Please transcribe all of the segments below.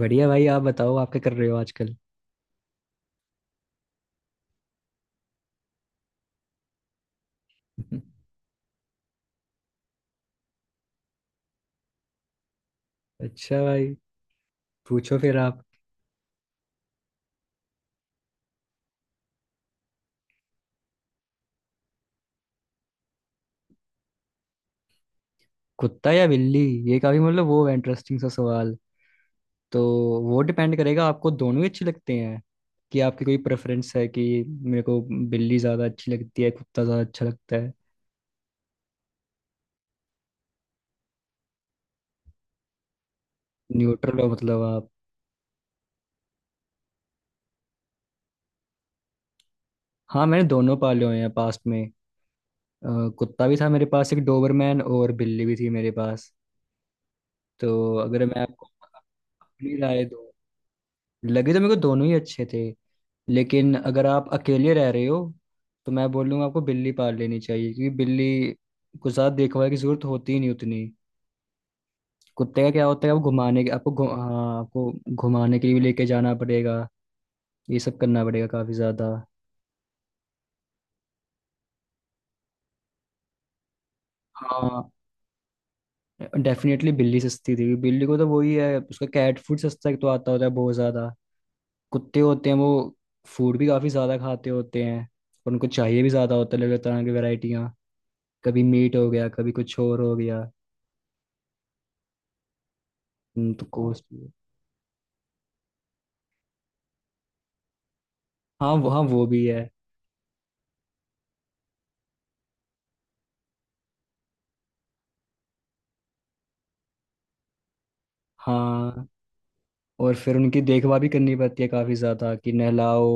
बढ़िया भाई। आप बताओ, आप क्या कर रहे हो आजकल? अच्छा भाई, पूछो फिर आप। कुत्ता या बिल्ली? ये काफी मतलब वो है इंटरेस्टिंग सा सवाल। तो वो डिपेंड करेगा, आपको दोनों ही अच्छे लगते हैं कि आपकी कोई प्रेफरेंस है, कि मेरे को बिल्ली ज़्यादा अच्छी लगती है, कुत्ता ज़्यादा अच्छा लगता है। न्यूट्रल हो मतलब आप? हाँ, मैंने दोनों पाले हुए हैं पास्ट में। कुत्ता भी था मेरे पास, एक डोबरमैन, और बिल्ली भी थी मेरे पास। तो अगर मैं आपको अपनी राय दूं, लगे तो मेरे को दोनों ही अच्छे थे। लेकिन अगर आप अकेले रह रहे हो, तो मैं बोलूँगा आपको बिल्ली पाल लेनी चाहिए, क्योंकि बिल्ली को साथ देखभाल की जरूरत होती ही नहीं उतनी। कुत्ते का क्या होता है, आपको घुमाने के हाँ, आपको घुमाने के लिए भी लेके जाना पड़ेगा। ये सब करना पड़ेगा काफ़ी ज़्यादा। हाँ, डेफिनेटली बिल्ली सस्ती थी, बिल्ली को तो वही है, उसका कैट फूड सस्ता एक तो आता होता है, बहुत ज़्यादा कुत्ते होते हैं वो फूड भी काफ़ी ज़्यादा खाते होते हैं, और उनको चाहिए भी ज़्यादा होता है अलग अलग तरह की वेराइटियाँ, कभी मीट हो गया, कभी कुछ और हो गया। तो कॉस्ट। हाँ, वो, हाँ, वो भी है। हाँ, और फिर उनकी देखभाल भी करनी पड़ती है काफी ज्यादा, कि नहलाओ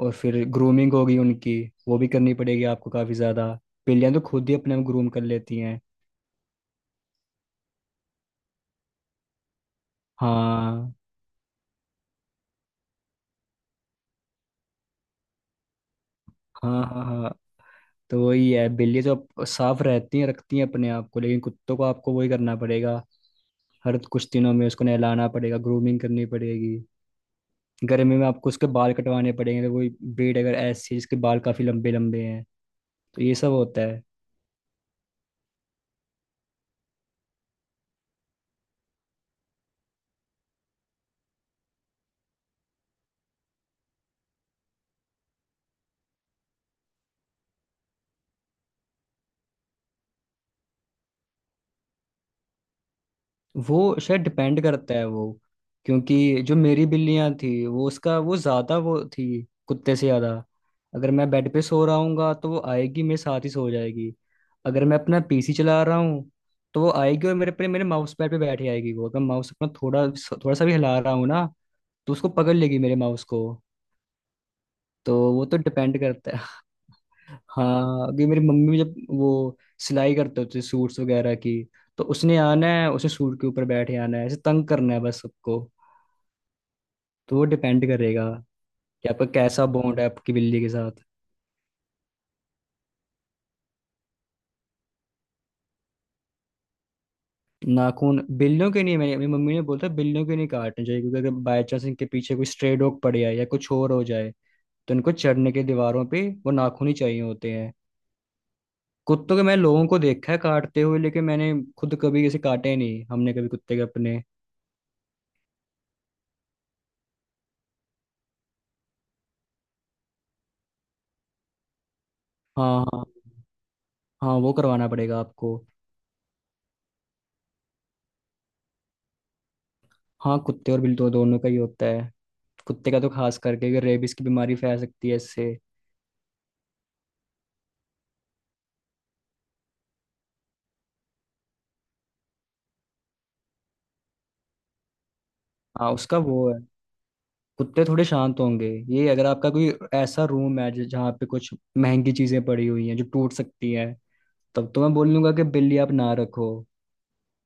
और फिर ग्रूमिंग होगी उनकी, वो भी करनी पड़ेगी आपको काफी ज्यादा। बिल्लियां तो खुद ही अपने आप ग्रूम कर लेती हैं। हाँ, हाँ, हाँ। हाँ, तो वही है, बिल्ली तो साफ रहती हैं, रखती हैं अपने आप को, लेकिन कुत्तों को आपको वही करना पड़ेगा, हर कुछ दिनों में उसको नहलाना पड़ेगा, ग्रूमिंग करनी पड़ेगी। गर्मी में आपको उसके बाल कटवाने पड़ेंगे, तो वही ब्रीड अगर ऐसी है जिसके बाल काफी लंबे लंबे हैं, तो ये सब होता है। वो शायद डिपेंड करता है, वो क्योंकि जो मेरी बिल्लियां थी वो उसका वो ज्यादा वो थी, कुत्ते से ज्यादा। अगर मैं बेड पे सो रहा हूँगा, तो वो आएगी मेरे साथ ही सो जाएगी। अगर मैं अपना पीसी चला रहा हूँ, तो वो आएगी और मेरे पे, मेरे माउस पैड पे बैठ जाएगी। वो अगर माउस अपना थोड़ा थोड़ा सा भी हिला रहा हूँ ना, तो उसको पकड़ लेगी, मेरे माउस को। तो वो तो डिपेंड करता है। हाँ, अभी मेरी मम्मी जब वो सिलाई करते होते सूट्स वगैरह की, तो उसने आना है, उसे सूट के ऊपर बैठे आना है, ऐसे तंग करना है बस सबको। तो वो डिपेंड करेगा कि आपका कैसा बॉन्ड है आपकी बिल्ली के साथ। नाखून बिल्लियों के नहीं, मैंने, मेरी मम्मी ने बोला था बिल्लियों के नहीं काटने चाहिए, क्योंकि अगर बाई चांस इनके पीछे कोई स्ट्रे डॉग पड़ जाए या कुछ और हो जाए, तो इनको चढ़ने के दीवारों पे वो नाखून ही चाहिए होते हैं। कुत्तों के मैं लोगों को देखा है काटते हुए, लेकिन मैंने खुद कभी किसी काटे नहीं, हमने कभी कुत्ते के अपने। हाँ, हाँ, हाँ। वो करवाना पड़ेगा आपको। हाँ, कुत्ते और बिल्ली तो दोनों का ही होता है। कुत्ते का तो खास करके, क्योंकि रेबीज की बीमारी फैल सकती है इससे। हाँ, उसका वो है। कुत्ते थोड़े शांत होंगे। ये अगर आपका कोई ऐसा रूम है जहाँ पे कुछ महंगी चीजें पड़ी हुई हैं जो टूट सकती हैं, तब तो मैं बोल लूंगा कि बिल्ली आप ना रखो,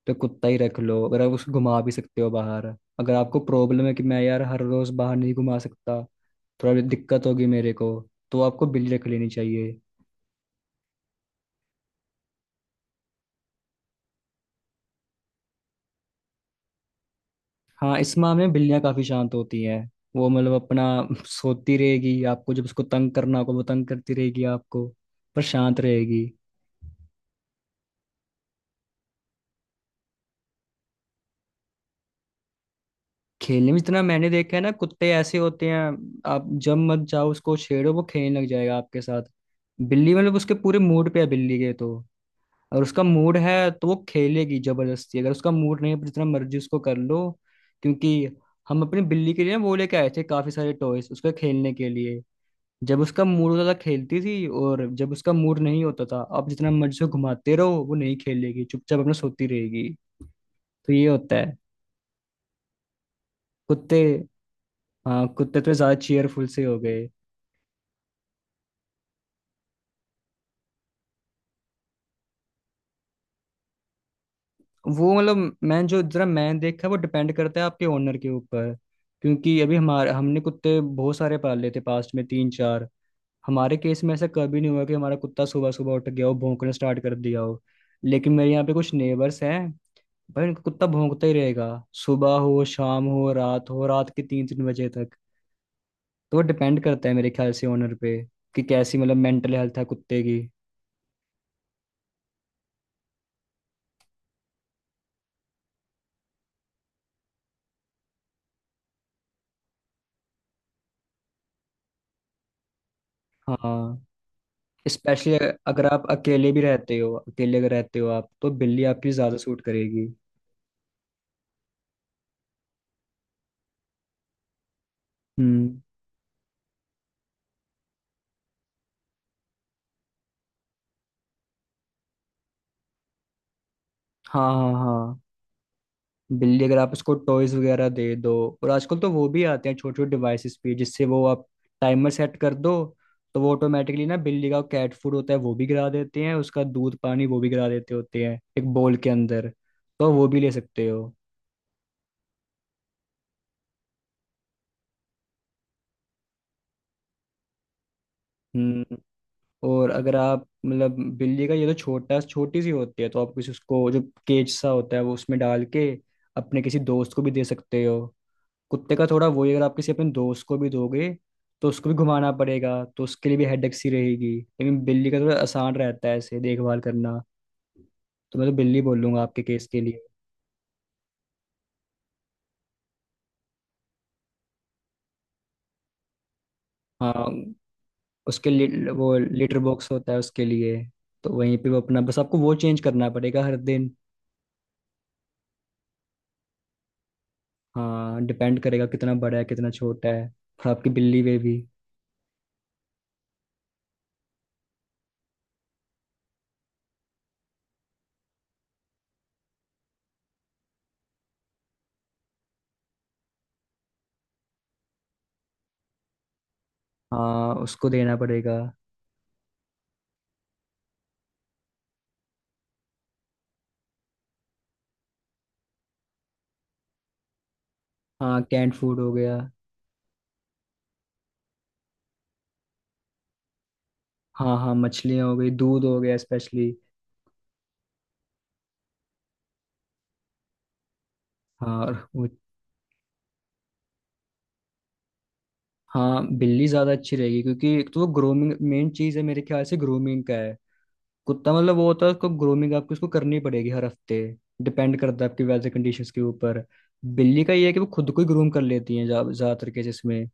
तो कुत्ता ही रख लो, अगर आप उसको घुमा भी सकते हो बाहर। अगर आपको प्रॉब्लम है कि मैं यार हर रोज बाहर नहीं घुमा सकता, थोड़ा दिक्कत होगी मेरे को, तो आपको बिल्ली रख लेनी चाहिए। हाँ, इस माह में बिल्लियाँ काफी शांत होती हैं। वो मतलब अपना सोती रहेगी, आपको जब उसको तंग करना होगा वो तंग करती रहेगी आपको, पर शांत रहेगी। खेलने में जितना मैंने देखा है ना, कुत्ते ऐसे होते हैं, आप जब मत जाओ, उसको छेड़ो, वो खेलने लग जाएगा आपके साथ। बिल्ली मतलब उसके पूरे मूड पे है बिल्ली के तो। और उसका मूड है तो वो खेलेगी, जबरदस्ती अगर उसका मूड नहीं है पर जितना मर्जी उसको कर लो। क्योंकि हम अपनी बिल्ली के लिए ना वो लेके आए थे काफी सारे टॉयज उसके खेलने के लिए। जब उसका मूड होता था खेलती थी, और जब उसका मूड नहीं होता था आप जितना मर्जी से घुमाते रहो वो नहीं खेलेगी, चुपचाप अपना सोती रहेगी। तो ये होता है। कुत्ते, हाँ, कुत्ते तो ज्यादा चेयरफुल से हो गए। वो मतलब मैं जो जरा मैं देखा, वो डिपेंड करता है आपके ओनर के ऊपर, क्योंकि अभी हमारे, हमने कुत्ते बहुत सारे पाले थे पास्ट में, तीन चार। हमारे केस में ऐसा कभी नहीं हुआ कि हमारा कुत्ता सुबह सुबह उठ गया हो, भौंकना स्टार्ट कर दिया हो। लेकिन मेरे यहाँ पे कुछ नेबर्स हैं भाई, उनका कुत्ता भौंकता ही रहेगा, सुबह हो शाम हो रात हो, रात के तीन तीन बजे तक। तो वो डिपेंड करता है मेरे ख्याल से ओनर पे, कि कैसी मतलब मेंटल हेल्थ है कुत्ते की। हाँ, स्पेशली अगर आप अकेले भी रहते हो, अकेले अगर रहते हो आप, तो बिल्ली आपकी ज्यादा सूट करेगी। हम्म, हाँ, हाँ, हाँ। बिल्ली, अगर आप उसको टॉयज वगैरह दे दो, और आजकल तो वो भी आते हैं छोटे छोटे डिवाइसेस पे, जिससे वो, आप टाइमर सेट कर दो, तो वो ऑटोमेटिकली ना बिल्ली का कैट फूड होता है वो भी गिरा देते हैं, उसका दूध पानी वो भी गिरा देते होते हैं एक बोल के अंदर, तो वो भी ले सकते हो। हम्म। और अगर आप मतलब बिल्ली का ये तो छोटा छोटी सी होती है, तो आप किसी, उसको जो केज सा होता है वो उसमें डाल के अपने किसी दोस्त को भी दे सकते हो। कुत्ते का थोड़ा वही, अगर आप किसी अपने दोस्त को भी दोगे, तो उसको भी घुमाना पड़ेगा, तो उसके लिए भी हेडेक सी रहेगी, लेकिन बिल्ली का थोड़ा आसान रहता है ऐसे देखभाल करना। तो मैं तो बिल्ली बोलूंगा आपके केस के लिए। हाँ, उसके लिए वो लेटर बॉक्स होता है उसके लिए, तो वहीं पे वो अपना, बस आपको वो चेंज करना पड़ेगा हर दिन। हाँ, डिपेंड करेगा कितना बड़ा है कितना छोटा है, और आपकी बिल्ली पे भी। हाँ, उसको देना पड़ेगा। हाँ, कैंट फूड हो गया। हाँ, हाँ, मछलियाँ हो गई, दूध हो गया, स्पेशली। हाँ, और वो, हाँ, बिल्ली ज्यादा अच्छी रहेगी, क्योंकि एक तो वो ग्रूमिंग मेन चीज है मेरे ख्याल से, ग्रूमिंग का है। कुत्ता मतलब वो होता है, उसको ग्रूमिंग आपको उसको करनी पड़ेगी हर हफ्ते, डिपेंड करता है आपकी वेदर कंडीशंस के ऊपर। बिल्ली का ये है कि वो खुद को ही ग्रूम कर लेती है ज्यादातर केसेस में।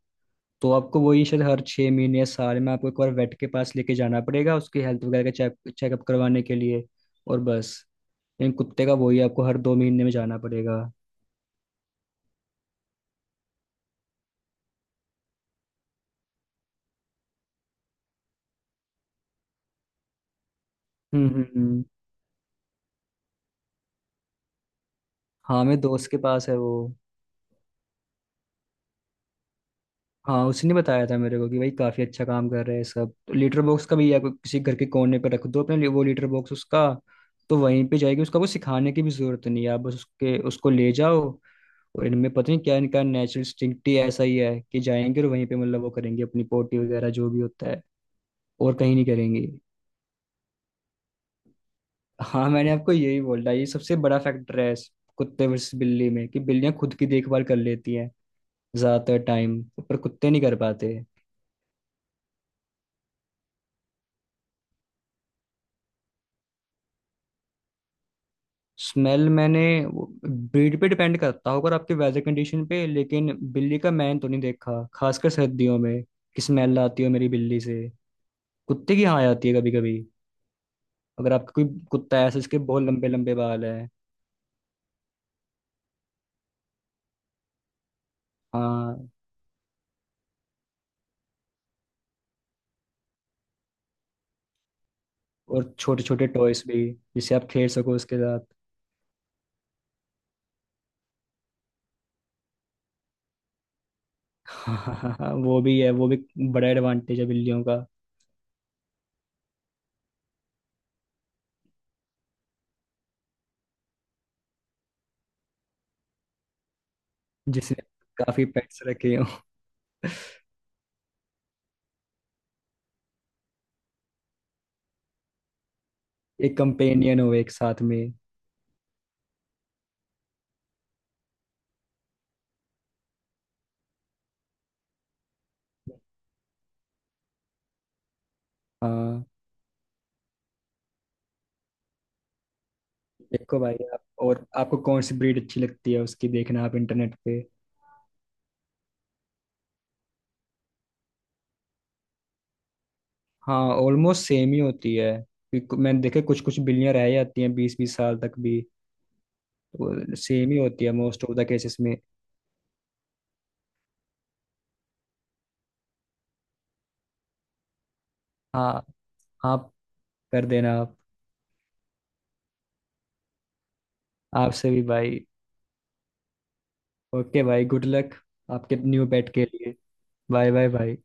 तो आपको वही शायद हर 6 महीने या साल में आपको एक बार वेट के पास लेके जाना पड़ेगा, उसकी हेल्थ वगैरह का चेकअप करवाने के लिए, और बस। लेकिन कुत्ते का वही आपको हर 2 महीने में जाना पड़ेगा। हम्म, हम्म, हाँ, मेरे दोस्त के पास है वो। हाँ, उसने बताया था मेरे को कि भाई काफी अच्छा काम कर रहे हैं सब, तो लीटर बॉक्स का भी, या किसी घर के कोने पर रख दो अपने लिए वो लीटर बॉक्स उसका, तो वहीं पे जाएगी। उसका कुछ सिखाने की भी जरूरत नहीं है, आप बस उसके, उसको ले जाओ, और इनमें पता नहीं क्या, इनका नेचुरल इंस्टिंक्ट ही ऐसा ही है कि जाएंगे और वहीं पे मतलब वो करेंगे अपनी पोटी वगैरह जो भी होता है, और कहीं नहीं करेंगी। हाँ, मैंने आपको यही बोला, ये सबसे बड़ा फैक्टर है इस कुत्ते वर्सेस बिल्ली में, कि बिल्लियां खुद की देखभाल कर लेती हैं ज्यादातर टाइम, पर कुत्ते नहीं कर पाते। स्मेल, मैंने, ब्रीड पे डिपेंड करता होगा और आपके वेदर कंडीशन पे, लेकिन बिल्ली का मैंने तो नहीं देखा, खासकर सर्दियों में, कि स्मेल आती हो मेरी बिल्ली से। कुत्ते की, हाँ, आती है कभी कभी, अगर आपका कोई कुत्ता है ऐसे जिसके बहुत लंबे लंबे बाल हैं। हाँ। और छोटे छोटे टॉयस भी, जिससे आप खेल सको उसके साथ। हाँ, वो भी है, वो भी। बड़ा एडवांटेज है बिल्लियों का। जिसने काफी पेट्स रखे हो। एक कंपेनियन हो एक साथ में। हाँ। देखो भाई आप, और आपको कौन सी ब्रीड अच्छी लगती है उसकी देखना आप इंटरनेट पे। हाँ, ऑलमोस्ट सेम ही होती है, क्योंकि मैंने देखे कुछ कुछ बिल्लियां रह जाती हैं बीस बीस साल तक भी। तो सेम ही होती है मोस्ट ऑफ द केसेस में। हाँ। आप कर देना आप। आपसे भी भाई। ओके भाई, गुड लक आपके न्यू पेट के लिए। बाय बाय भाई।